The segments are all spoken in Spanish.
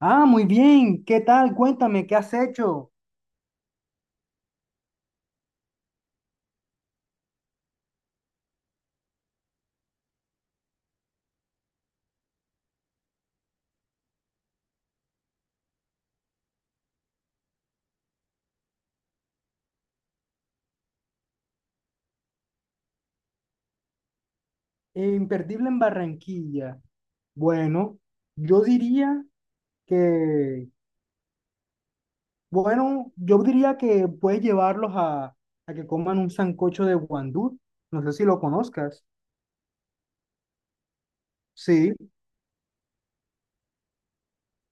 Ah, muy bien. ¿Qué tal? Cuéntame, ¿qué has hecho? Imperdible en Barranquilla. Bueno, yo diría que, bueno, yo diría que puedes llevarlos a que coman un sancocho de guandú. No sé si lo conozcas. Sí.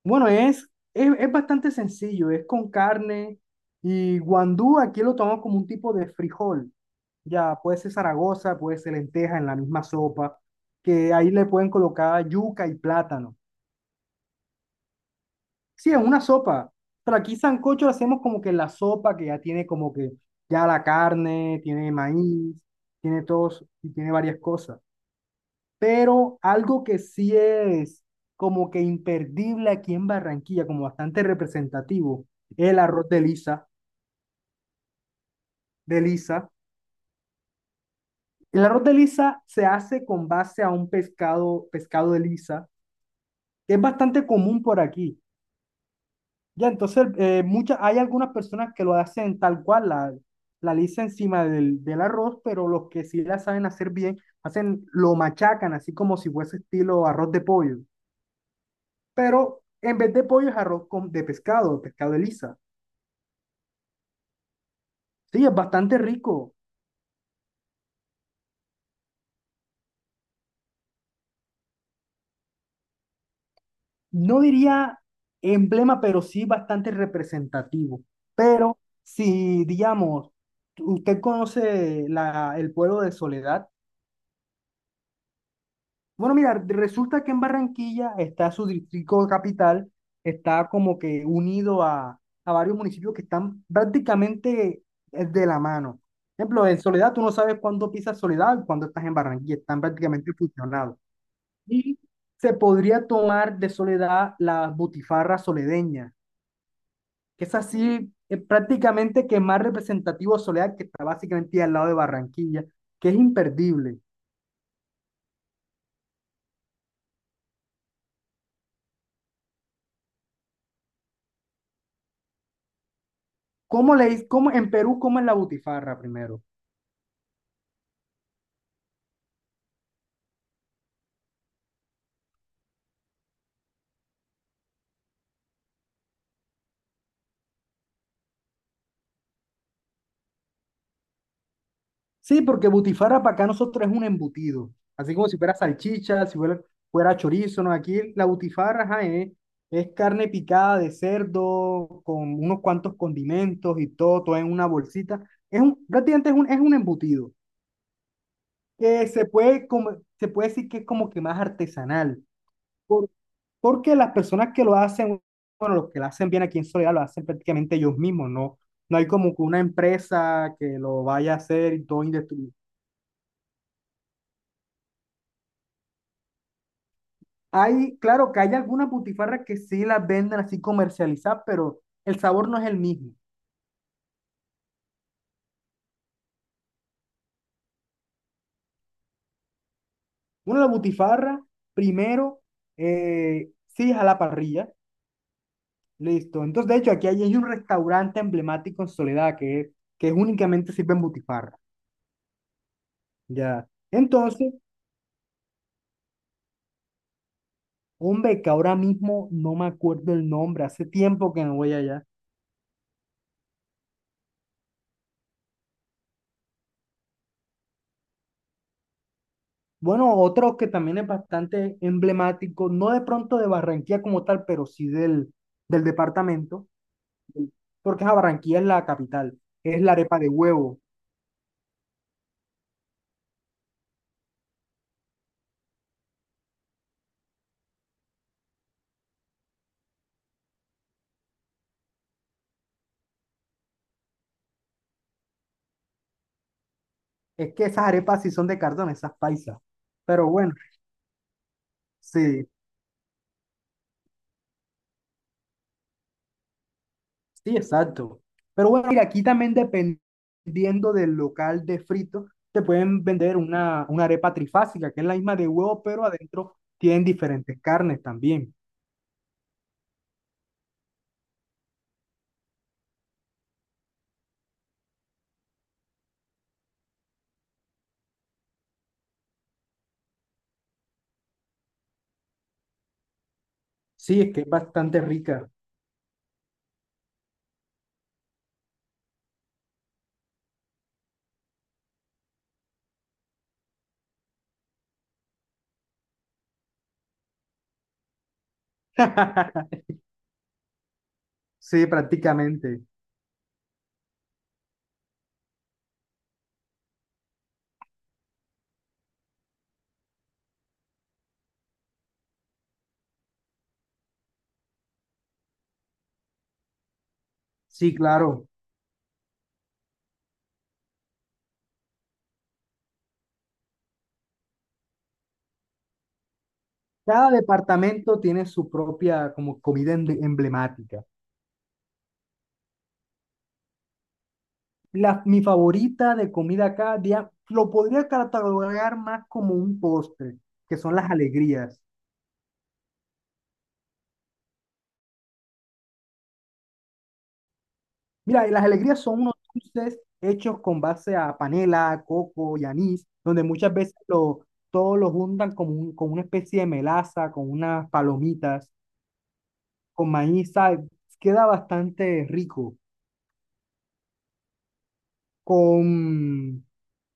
Bueno, es bastante sencillo. Es con carne y guandú aquí lo tomamos como un tipo de frijol. Ya, puede ser Zaragoza, puede ser lenteja en la misma sopa, que ahí le pueden colocar yuca y plátano. Sí, es una sopa. Pero aquí sancocho lo hacemos como que la sopa que ya tiene como que ya la carne, tiene maíz, tiene todos y tiene varias cosas. Pero algo que sí es como que imperdible aquí en Barranquilla, como bastante representativo, es el arroz de lisa, de lisa. El arroz de lisa se hace con base a un pescado, pescado de lisa, que es bastante común por aquí. Ya, entonces muchas, hay algunas personas que lo hacen tal cual, la lisa encima del arroz, pero los que sí la saben hacer bien, hacen, lo machacan así como si fuese estilo arroz de pollo. Pero en vez de pollo es arroz con, de pescado, pescado de lisa. Sí, es bastante rico. No diría emblema, pero sí bastante representativo. Pero si, digamos, usted conoce el pueblo de Soledad. Bueno, mira, resulta que en Barranquilla está su distrito capital, está como que unido a varios municipios que están prácticamente, de la mano. Por ejemplo, en Soledad tú no sabes cuándo pisas Soledad y cuándo estás en Barranquilla, están prácticamente fusionados. Y se podría tomar de Soledad la butifarra soledeña, que es así, prácticamente que más representativo de Soledad, que está básicamente al lado de Barranquilla, que es imperdible. ¿Cómo le, cómo, en Perú, cómo es la butifarra primero? Sí, porque butifarra para acá nosotros es un embutido. Así como si fuera salchicha, fuera chorizo, ¿no? Aquí la butifarra, ajá, es carne picada de cerdo con unos cuantos condimentos y todo, todo en una bolsita. Prácticamente es un embutido. Que se puede, come- se puede decir que es como que más artesanal. por- Porque las personas que lo hacen, bueno, los que lo hacen bien aquí en Soledad, lo hacen prácticamente ellos mismos, ¿no? No hay como que una empresa que lo vaya a hacer y todo. Hay, claro que hay algunas butifarras que sí las venden así comercializadas, pero el sabor no es el mismo. Una la butifarra, primero, sí es a la parrilla, listo. Entonces, de hecho, aquí hay, hay un restaurante emblemático en Soledad que es únicamente sirven butifarra, ya. Entonces, hombre, que ahora mismo no me acuerdo el nombre, hace tiempo que no voy allá. Bueno, otro que también es bastante emblemático, no de pronto de Barranquilla como tal, pero sí del departamento. Porque a Barranquilla es la capital, es la arepa de huevo. Es que esas arepas sí son de cartón, esas paisas. Pero bueno, sí, sí, exacto. Pero bueno, mira, aquí también dependiendo del local de frito, te pueden vender una arepa trifásica, que es la misma de huevo, pero adentro tienen diferentes carnes también. Sí, es que es bastante rica. Sí, prácticamente. Sí, claro. Cada departamento tiene su propia como comida emblemática. La, mi favorita de comida cada día lo podría catalogar más como un postre, que son las alegrías. Mira, y las alegrías son unos dulces hechos con base a panela, coco y anís, donde muchas veces lo, todos los juntan con, con una especie de melaza, con unas palomitas, con maíz, ¿sabes? Queda bastante rico. Con,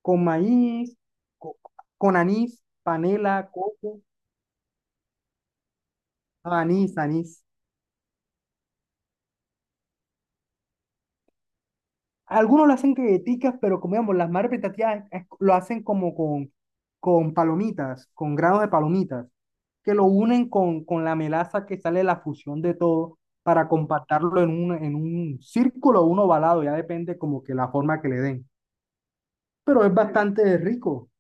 con maíz, co- con anís, panela, coco, anís, anís. Algunos lo hacen galletitas, pero como digamos, las madres prestativas lo hacen como con palomitas, con granos de palomitas, que lo unen con la melaza que sale de la fusión de todo para compactarlo en un círculo o un ovalado, ya depende como que la forma que le den. Pero es bastante rico.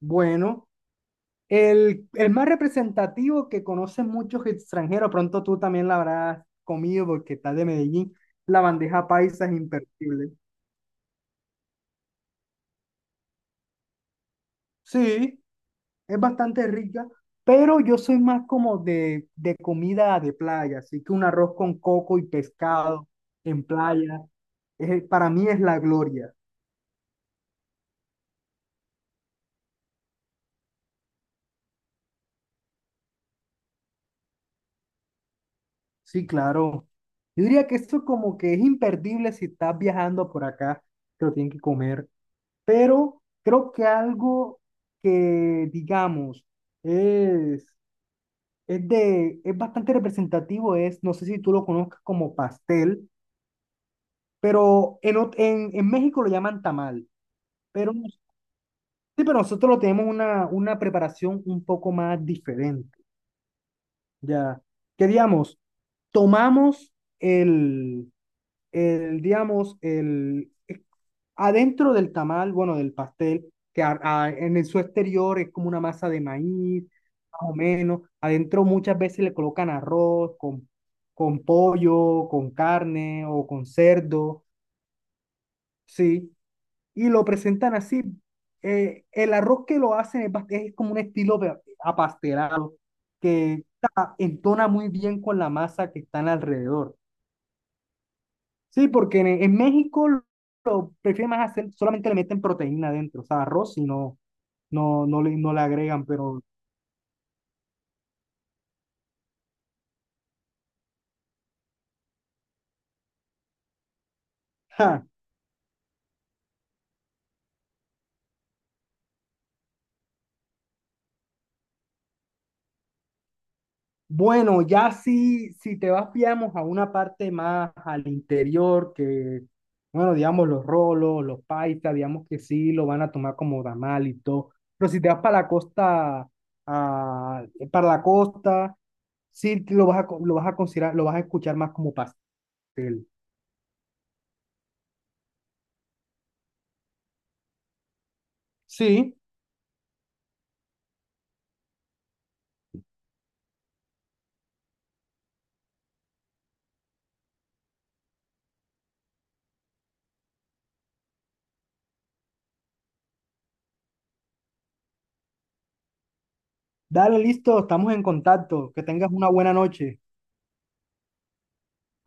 Bueno, el más representativo que conocen muchos extranjeros, pronto tú también la habrás comido porque estás de Medellín, la bandeja paisa es imperdible. Sí, es bastante rica, pero yo soy más como de comida de playa, así que un arroz con coco y pescado en playa, para mí es la gloria. Sí, claro. Yo diría que esto como que es imperdible si estás viajando por acá, te lo tienen que comer, pero creo que algo que, digamos, es, es bastante representativo es, no sé si tú lo conozcas como pastel, pero en México lo llaman tamal. Pero, nos- sí, pero nosotros tenemos una preparación un poco más diferente, ya. Que digamos, tomamos el, el digamos, adentro del tamal, bueno, del pastel, que su exterior es como una masa de maíz, más o menos. Adentro muchas veces le colocan arroz con pollo, con carne o con cerdo, sí, y lo presentan así. El arroz que lo hacen es, es como un estilo de- apastelado que entona muy bien con la masa que están alrededor. Sí, porque en México lo prefieren más hacer, solamente le meten proteína adentro, o sea, arroz y no le, no le agregan, pero ja. Bueno, ya si, si te vas, digamos, a una parte más al interior, que, bueno, digamos, los rolos, los paisas, digamos que sí, lo van a tomar como damal y todo. Pero si te vas para la costa, ah, para la costa, sí te lo vas a lo vas a considerar, lo vas a escuchar más como pastel. Sí, dale, listo, estamos en contacto. Que tengas una buena noche.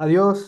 Adiós.